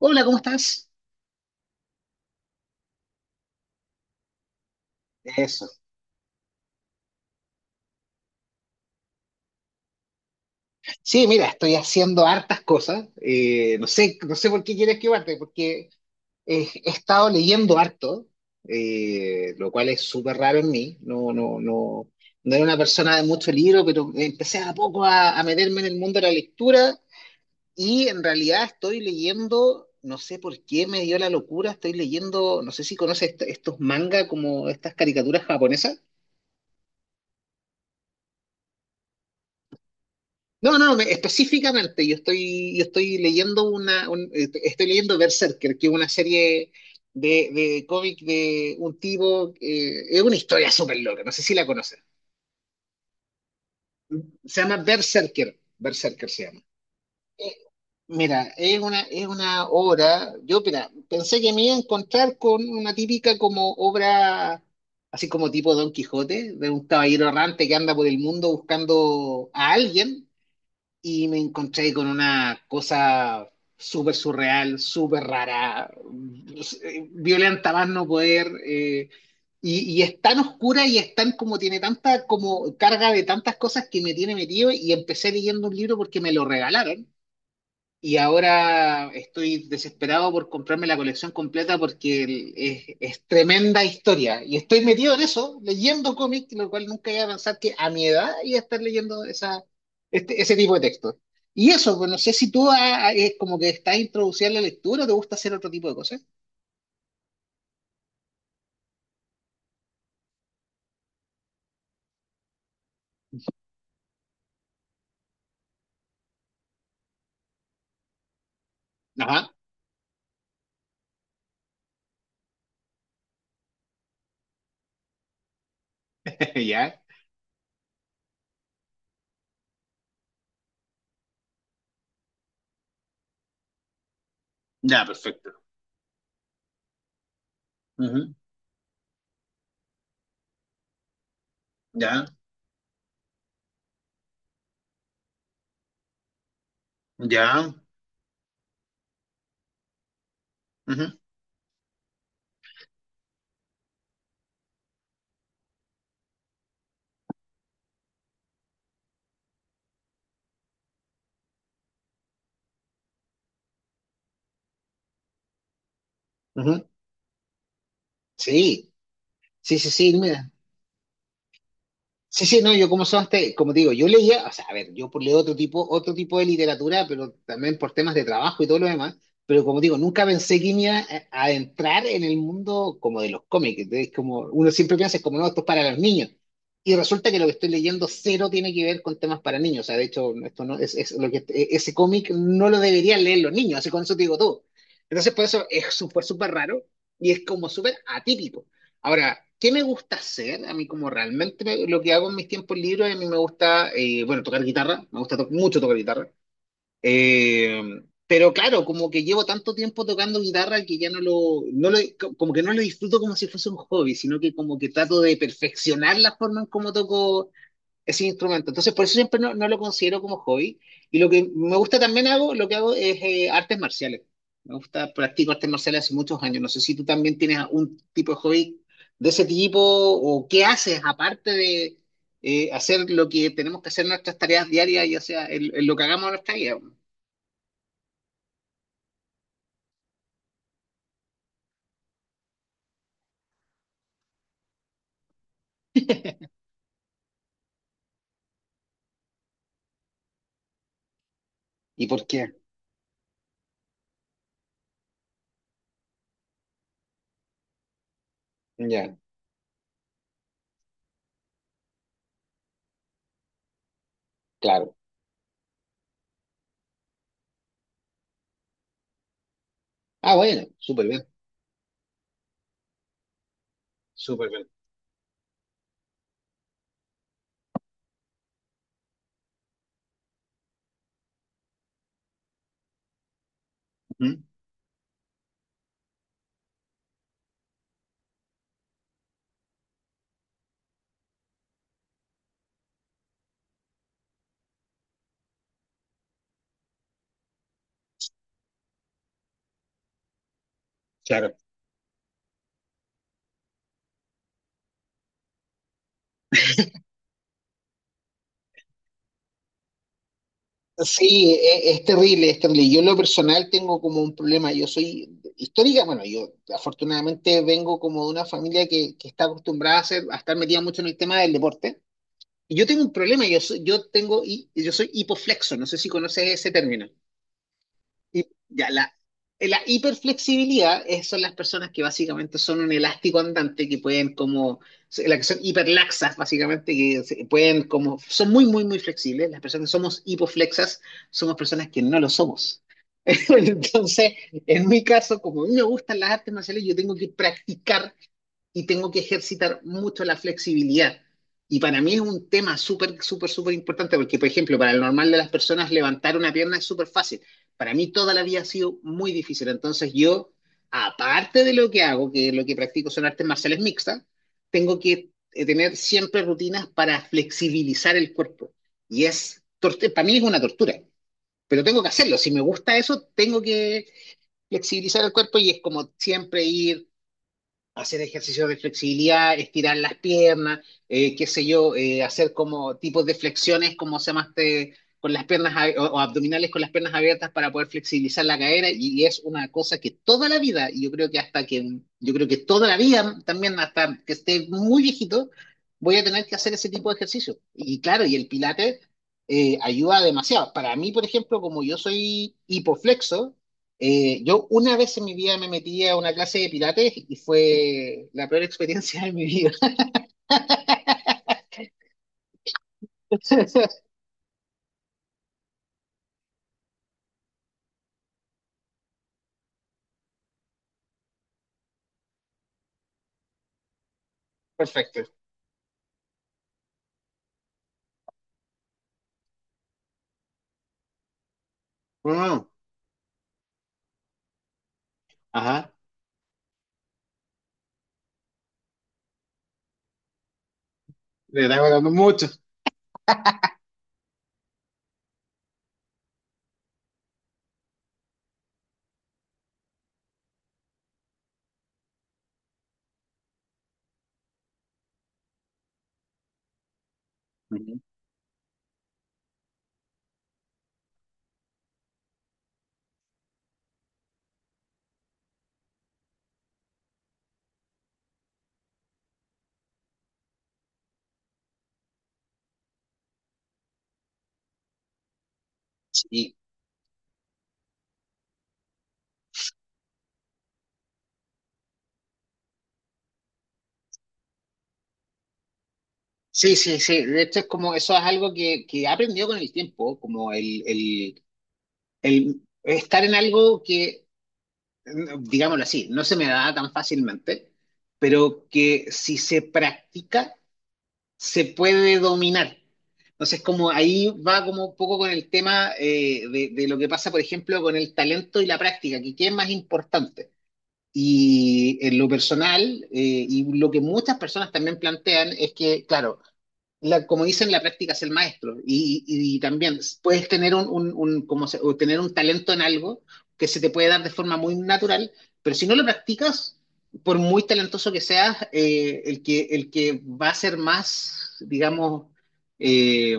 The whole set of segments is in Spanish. Hola, ¿cómo estás? Eso. Sí, mira, estoy haciendo hartas cosas. No sé por qué quieres que parte, porque he estado leyendo harto, lo cual es súper raro en mí. No, no, no, no era una persona de mucho libro, pero empecé a poco a meterme en el mundo de la lectura y en realidad estoy leyendo, no sé por qué me dio la locura, estoy leyendo, no sé si conoces estos mangas como estas caricaturas japonesas. No, no, no, específicamente yo estoy estoy leyendo Berserker, que es una serie de cómic de un tipo, es una historia súper loca, no sé si la conoces. Se llama Berserker, Berserker se llama. Eh, Mira, es una obra, yo mira, pensé que me iba a encontrar con una típica como obra, así como tipo Don Quijote, de un caballero errante que anda por el mundo buscando a alguien y me encontré con una cosa súper surreal, súper rara, violenta más no poder, y es tan oscura y es tan como tiene tanta como carga de tantas cosas que me tiene metido y empecé leyendo un libro porque me lo regalaron y ahora estoy desesperado por comprarme la colección completa porque es tremenda historia. Y estoy metido en eso, leyendo cómics, lo cual nunca iba a pensar que a mi edad iba a estar leyendo ese tipo de textos. Y eso, pues no sé si tú como que estás introducida en la lectura o te gusta hacer otro tipo de cosas. Ajá, ya. Ya, perfecto. Ujú. Ya, ya. Ujú, ujú. Sí, sí, sí, sí, mira. Sí, sí, no, yo como son, como te digo, yo leía, o sea, a ver, leo otro tipo de literatura, pero también por temas de trabajo y todo lo demás, pero como digo, nunca pensé que me iba a entrar en el mundo como de los cómics, entonces como uno siempre piensa, es como no, esto es para los niños, y resulta que lo que estoy leyendo cero tiene que ver con temas para niños, o sea, de hecho, esto no, es lo que, ese cómic no lo deberían leer los niños, así con eso te digo todo. Entonces, por eso fue súper raro y es como súper atípico. Ahora, ¿qué me gusta hacer? A mí como realmente me- lo que hago en mis tiempos libres, a mí me gusta, bueno, tocar guitarra, me gusta mucho tocar guitarra. Eh, pero claro, como que llevo tanto tiempo tocando guitarra que ya no lo, como que no lo disfruto como si fuese un hobby, sino que como que trato de perfeccionar la forma en cómo toco ese instrumento. Entonces, por eso siempre no, no lo considero como hobby. Y lo que me gusta también hago, lo que hago es artes marciales. Me gusta, practico artes marciales hace muchos años. No sé si tú también tienes un tipo de hobby de ese tipo o qué haces aparte de hacer lo que tenemos que hacer en nuestras tareas diarias, ya sea en lo que hagamos en nuestra vida. ¿Y por qué? Ya, claro. Ah, bueno, súper bien, súper bien. Ujú. Claro. Sí, terrible, es terrible. Yo en lo personal tengo como un problema. Yo soy histórica, bueno, yo afortunadamente vengo como de una familia que está acostumbrada a estar metida mucho en el tema del deporte. Y yo tengo un problema, yo soy, yo tengo, hi- yo soy hipoflexo, no sé si conoces ese término. Y ya, la hiperflexibilidad son las personas que básicamente son un elástico andante que pueden como, las que son hiperlaxas básicamente, que pueden como, son muy, muy, muy flexibles. Las personas que somos hipoflexas somos personas que no lo somos. Entonces, en mi caso, como a mí me gustan las artes marciales, yo tengo que practicar y tengo que ejercitar mucho la flexibilidad. Y para mí es un tema súper, súper, súper importante, porque, por ejemplo, para el normal de las personas levantar una pierna es súper fácil. Para mí toda la vida ha sido muy difícil. Entonces yo, aparte de lo que hago, que lo que practico son artes marciales mixtas, tengo que tener siempre rutinas para flexibilizar el cuerpo. Y es, para mí es una tortura, pero tengo que hacerlo. Si me gusta eso, tengo que flexibilizar el cuerpo y es como siempre ir hacer ejercicios de flexibilidad, estirar las piernas, qué sé yo, hacer como tipos de flexiones, como se llama este, con las piernas o abdominales con las piernas abiertas para poder flexibilizar la cadera y es una cosa que toda la vida, y yo creo que hasta que, yo creo que toda la vida, también hasta que esté muy viejito, voy a tener que hacer ese tipo de ejercicio. Y claro, y el Pilates ayuda demasiado. Para mí, por ejemplo, como yo soy hipoflexo, yo una vez en mi vida me metí a una clase de Pilates y fue la peor experiencia de mi vida. Perfecto. Mm, ajá. Le está hablando mucho. Ujú. Sí, sí, sí, sí. De hecho, es como eso es algo que he aprendido con el tiempo, como el, el estar en algo que, digámoslo así, no se me da tan fácilmente, pero que si se practica, se puede dominar. Entonces, como ahí va como un poco con el tema de lo que pasa, por ejemplo, con el talento y la práctica, que qué es más importante. Y en lo personal, y lo que muchas personas también plantean es que, claro, la, como dicen, la práctica es el maestro. Y también puedes tener un, o tener un talento en algo que se te puede dar de forma muy natural, pero si no lo practicas, por muy talentoso que seas, el que va a ser más, digamos, eh,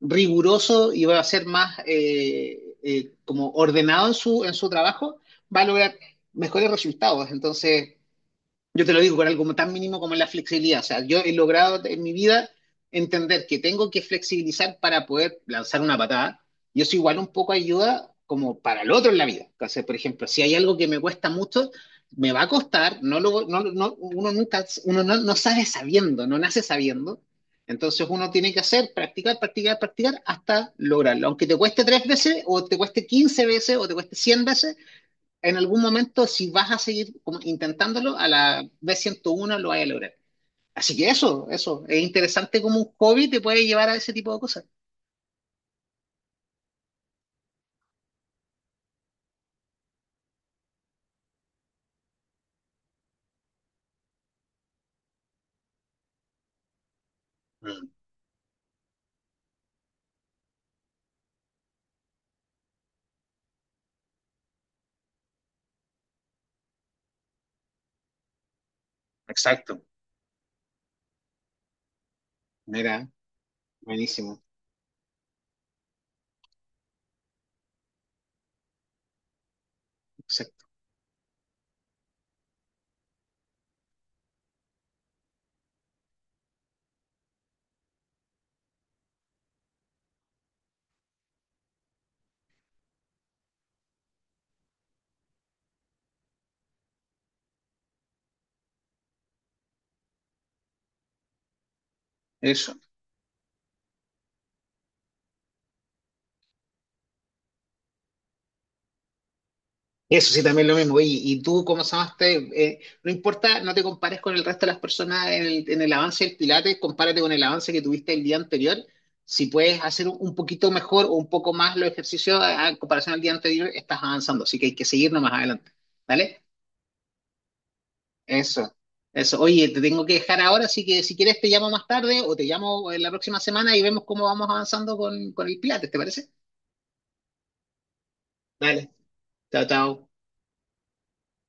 riguroso y va a ser más como ordenado en su trabajo, va a lograr mejores resultados. Entonces, yo te lo digo con algo tan mínimo como es la flexibilidad. O sea, yo he logrado en mi vida entender que tengo que flexibilizar para poder lanzar una patada. Y eso igual un poco ayuda como para el otro en la vida. O sea, por ejemplo, si hay algo que me cuesta mucho, me va a costar. No lo, no, no- uno nunca, uno no sabe sabiendo, no nace sabiendo. Entonces uno tiene que hacer, practicar, practicar, practicar hasta lograrlo. Aunque te cueste tres veces, o te cueste 15 veces, o te cueste 100 veces, en algún momento, si vas a seguir como intentándolo, a la B101 lo vas a lograr. Así que eso, es interesante como un hobby te puede llevar a ese tipo de cosas. Mm, exacto, mira, buenísimo, exacto, eso. Eso sí, también lo mismo. Oye, y tú, ¿cómo llamaste? No importa, no te compares con el resto de las personas en el avance del Pilates, compárate con el avance que tuviste el día anterior. Si puedes hacer un poquito mejor o un poco más los ejercicios en comparación al día anterior, estás avanzando. Así que hay que seguir más adelante. ¿Vale? Eso, eso. Oye, te tengo que dejar ahora, así que si quieres te llamo más tarde o te llamo la próxima semana y vemos cómo vamos avanzando con el Pilates, ¿te parece? Dale, chao, chao.